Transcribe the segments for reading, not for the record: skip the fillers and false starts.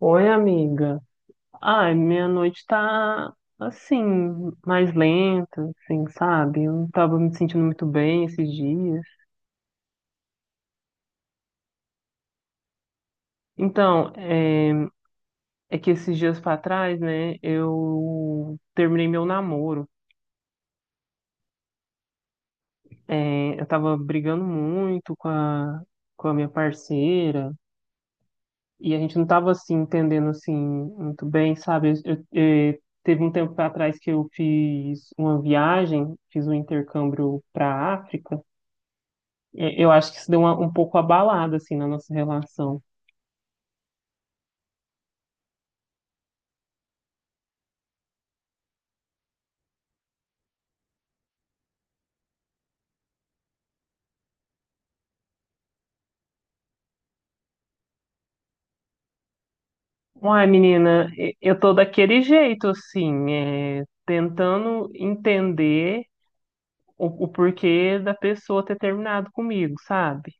Oi, amiga. Ai, minha noite tá assim, mais lenta, assim, sabe? Eu não tava me sentindo muito bem esses dias. Então, é, é que esses dias pra trás, né, eu terminei meu namoro. É, eu tava brigando muito com a minha parceira e a gente não tava assim, entendendo assim, muito bem, sabe? Teve um tempo pra trás que eu fiz uma viagem, fiz um intercâmbio pra África. Eu acho que isso deu um pouco abalado, assim, na nossa relação. Uai, menina, eu tô daquele jeito, assim, tentando entender o porquê da pessoa ter terminado comigo, sabe?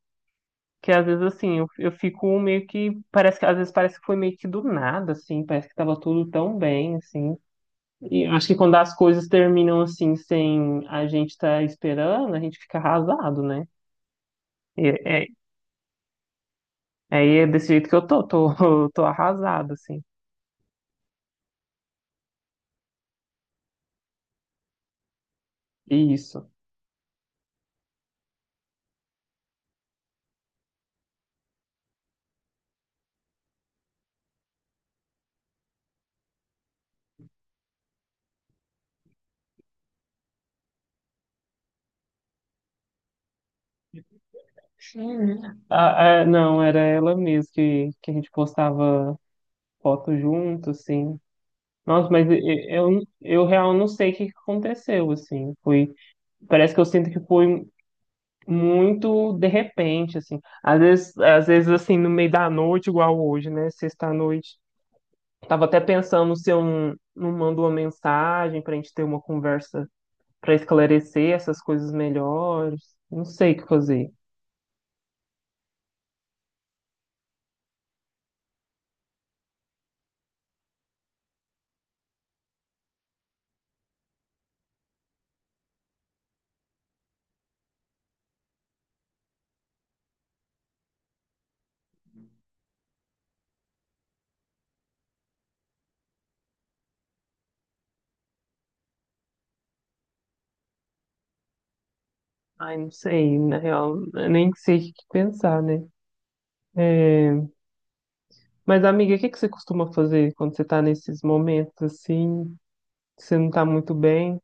Que às vezes, assim, eu fico meio que, parece que, às vezes parece que foi meio que do nada, assim, parece que tava tudo tão bem, assim. E eu acho que quando as coisas terminam, assim, sem a gente estar esperando, a gente fica arrasado, né? E, é, aí é desse jeito que eu tô, tô arrasado, assim. Isso. Sim. Não, era ela mesmo que a gente postava foto junto, assim. Nossa, mas eu real não sei o que que aconteceu, assim. Parece que eu sinto que foi muito de repente, assim. Às vezes assim, no meio da noite, igual hoje, né? Sexta-noite. Tava até pensando se eu não, não mando uma mensagem pra gente ter uma conversa pra esclarecer essas coisas melhores. Não sei o que fazer. Ai, não sei, na real, eu nem sei o que pensar, né? É, Mas, amiga, o que que você costuma fazer quando você tá nesses momentos assim, que você não tá muito bem?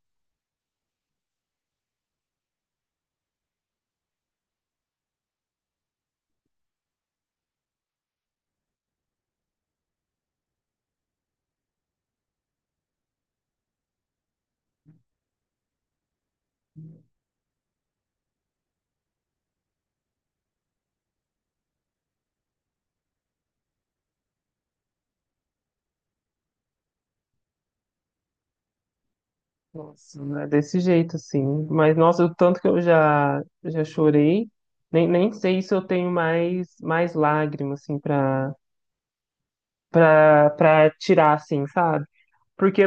Nossa, não é desse jeito assim. Mas, nossa, o tanto que já chorei, nem sei se eu tenho mais lágrimas, assim, pra tirar, assim, sabe? Porque,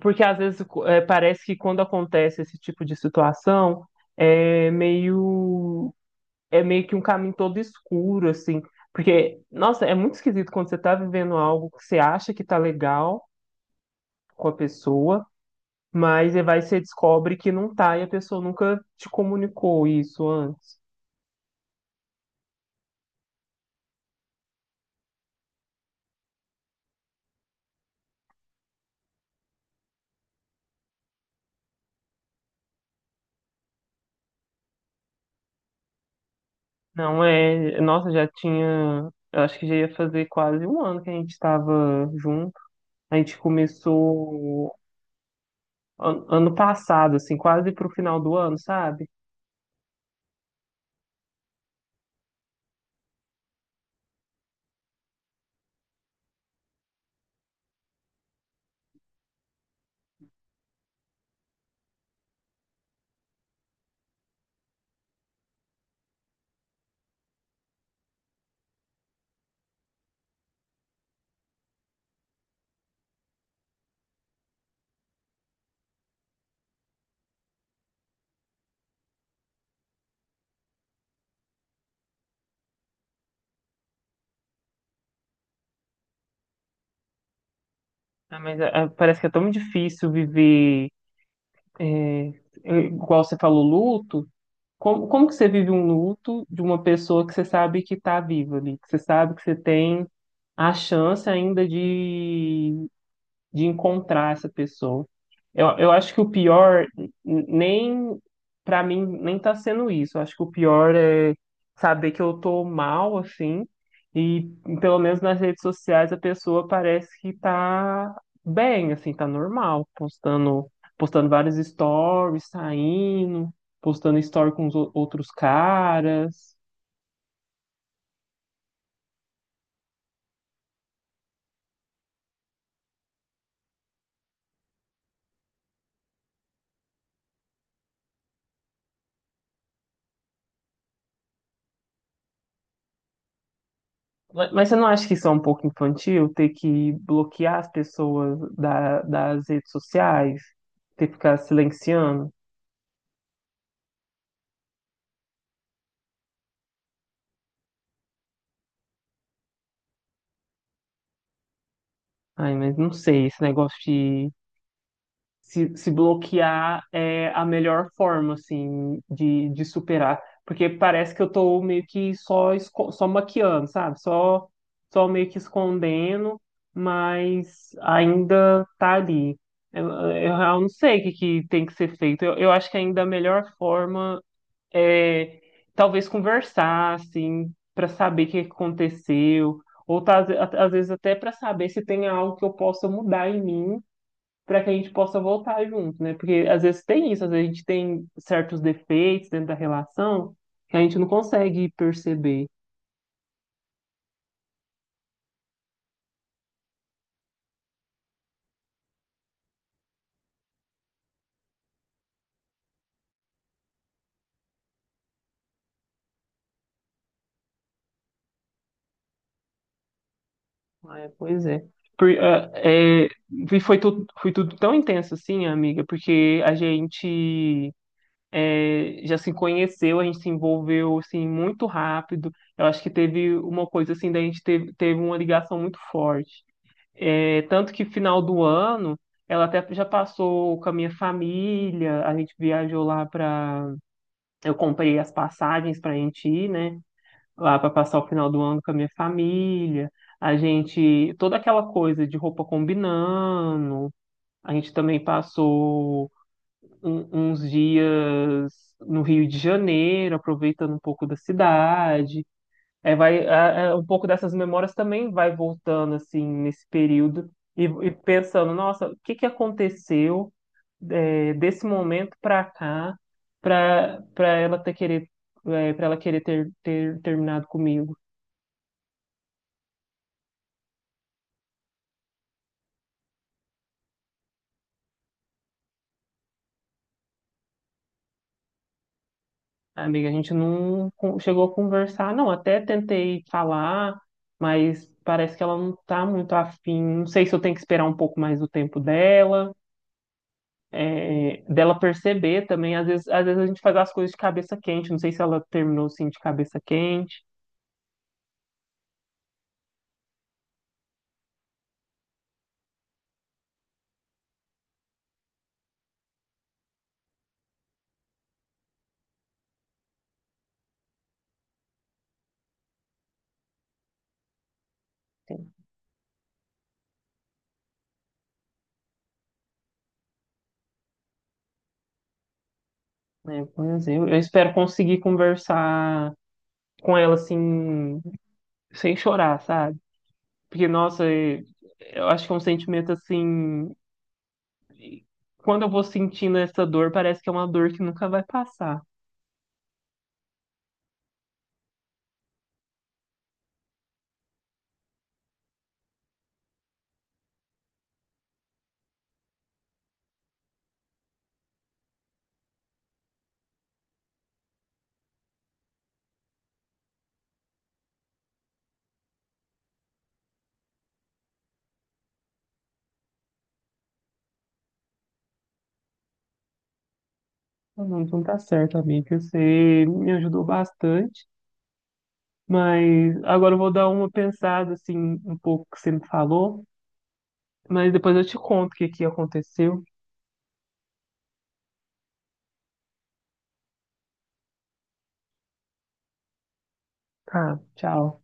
porque às vezes parece que quando acontece esse tipo de situação, é meio. é meio que um caminho todo escuro, assim. Porque, nossa, é muito esquisito quando você tá vivendo algo que você acha que tá legal com a pessoa, mas aí vai você descobre que não tá e a pessoa nunca te comunicou isso antes. Não é. Nossa, já tinha. Eu acho que já ia fazer quase um ano que a gente estava junto. A gente começou ano passado, assim, quase pro final do ano, sabe? Mas parece que é tão difícil viver, eh, igual você falou, luto. Como que você vive um luto de uma pessoa que você sabe que está viva ali, que você sabe que você tem a chance ainda de encontrar essa pessoa. Eu acho que o pior, n- nem pra mim, nem tá sendo isso. Eu acho que o pior é saber que eu tô mal, assim, e pelo menos nas redes sociais a pessoa parece que tá bem, assim, tá normal, postando vários stories, saindo, postando story com outros caras. Mas você não acha que isso é um pouco infantil, ter que bloquear as pessoas das redes sociais, ter que ficar silenciando? Ai, mas não sei, esse negócio de se bloquear é a melhor forma, assim, de superar. Porque parece que eu tô meio que só, só maquiando, sabe? Só meio que escondendo, mas ainda tá ali. Eu não sei que tem que ser feito. Eu acho que ainda a melhor forma. é, Talvez conversar, assim, para saber o que aconteceu, ou tá- às vezes até para saber se tem algo que eu possa mudar em mim para que a gente possa voltar junto, né? Porque às vezes tem isso, às vezes a gente tem certos defeitos dentro da relação que a gente não consegue perceber. É, pois é. Por- ah, é, e foi tudo tão intenso assim, amiga, porque já se conheceu, a gente se envolveu assim muito rápido. Eu acho que teve uma coisa assim da teve uma ligação muito forte. Tanto que final do ano ela até já passou com a minha família, a gente viajou lá para, eu comprei as passagens para a gente ir, né? Lá para passar o final do ano com a minha família. A gente, toda aquela coisa de roupa combinando, a gente também passou uns dias no Rio de Janeiro, aproveitando um pouco da cidade. Um pouco dessas memórias também vai voltando assim nesse período e pensando, nossa, o que que aconteceu desse momento para cá para para ela ter querer para ela querer ter terminado comigo. Amiga, a gente não con- chegou a conversar, não. Até tentei falar, mas parece que ela não tá muito afim. Não sei se eu tenho que esperar um pouco mais o tempo dela, dela perceber também. Às vezes a gente faz as coisas de cabeça quente. Não sei se ela terminou assim de cabeça quente. Né? Pois eu espero conseguir conversar com ela assim, sem chorar, sabe? Porque, nossa, eu acho que é um sentimento assim. Quando eu vou sentindo essa dor, parece que é uma dor que nunca vai passar. Não, então tá certo, amiga. Você me ajudou bastante, mas agora eu vou dar uma pensada assim, um pouco que você me falou. Mas depois eu te conto o que que aconteceu. Tá, tchau.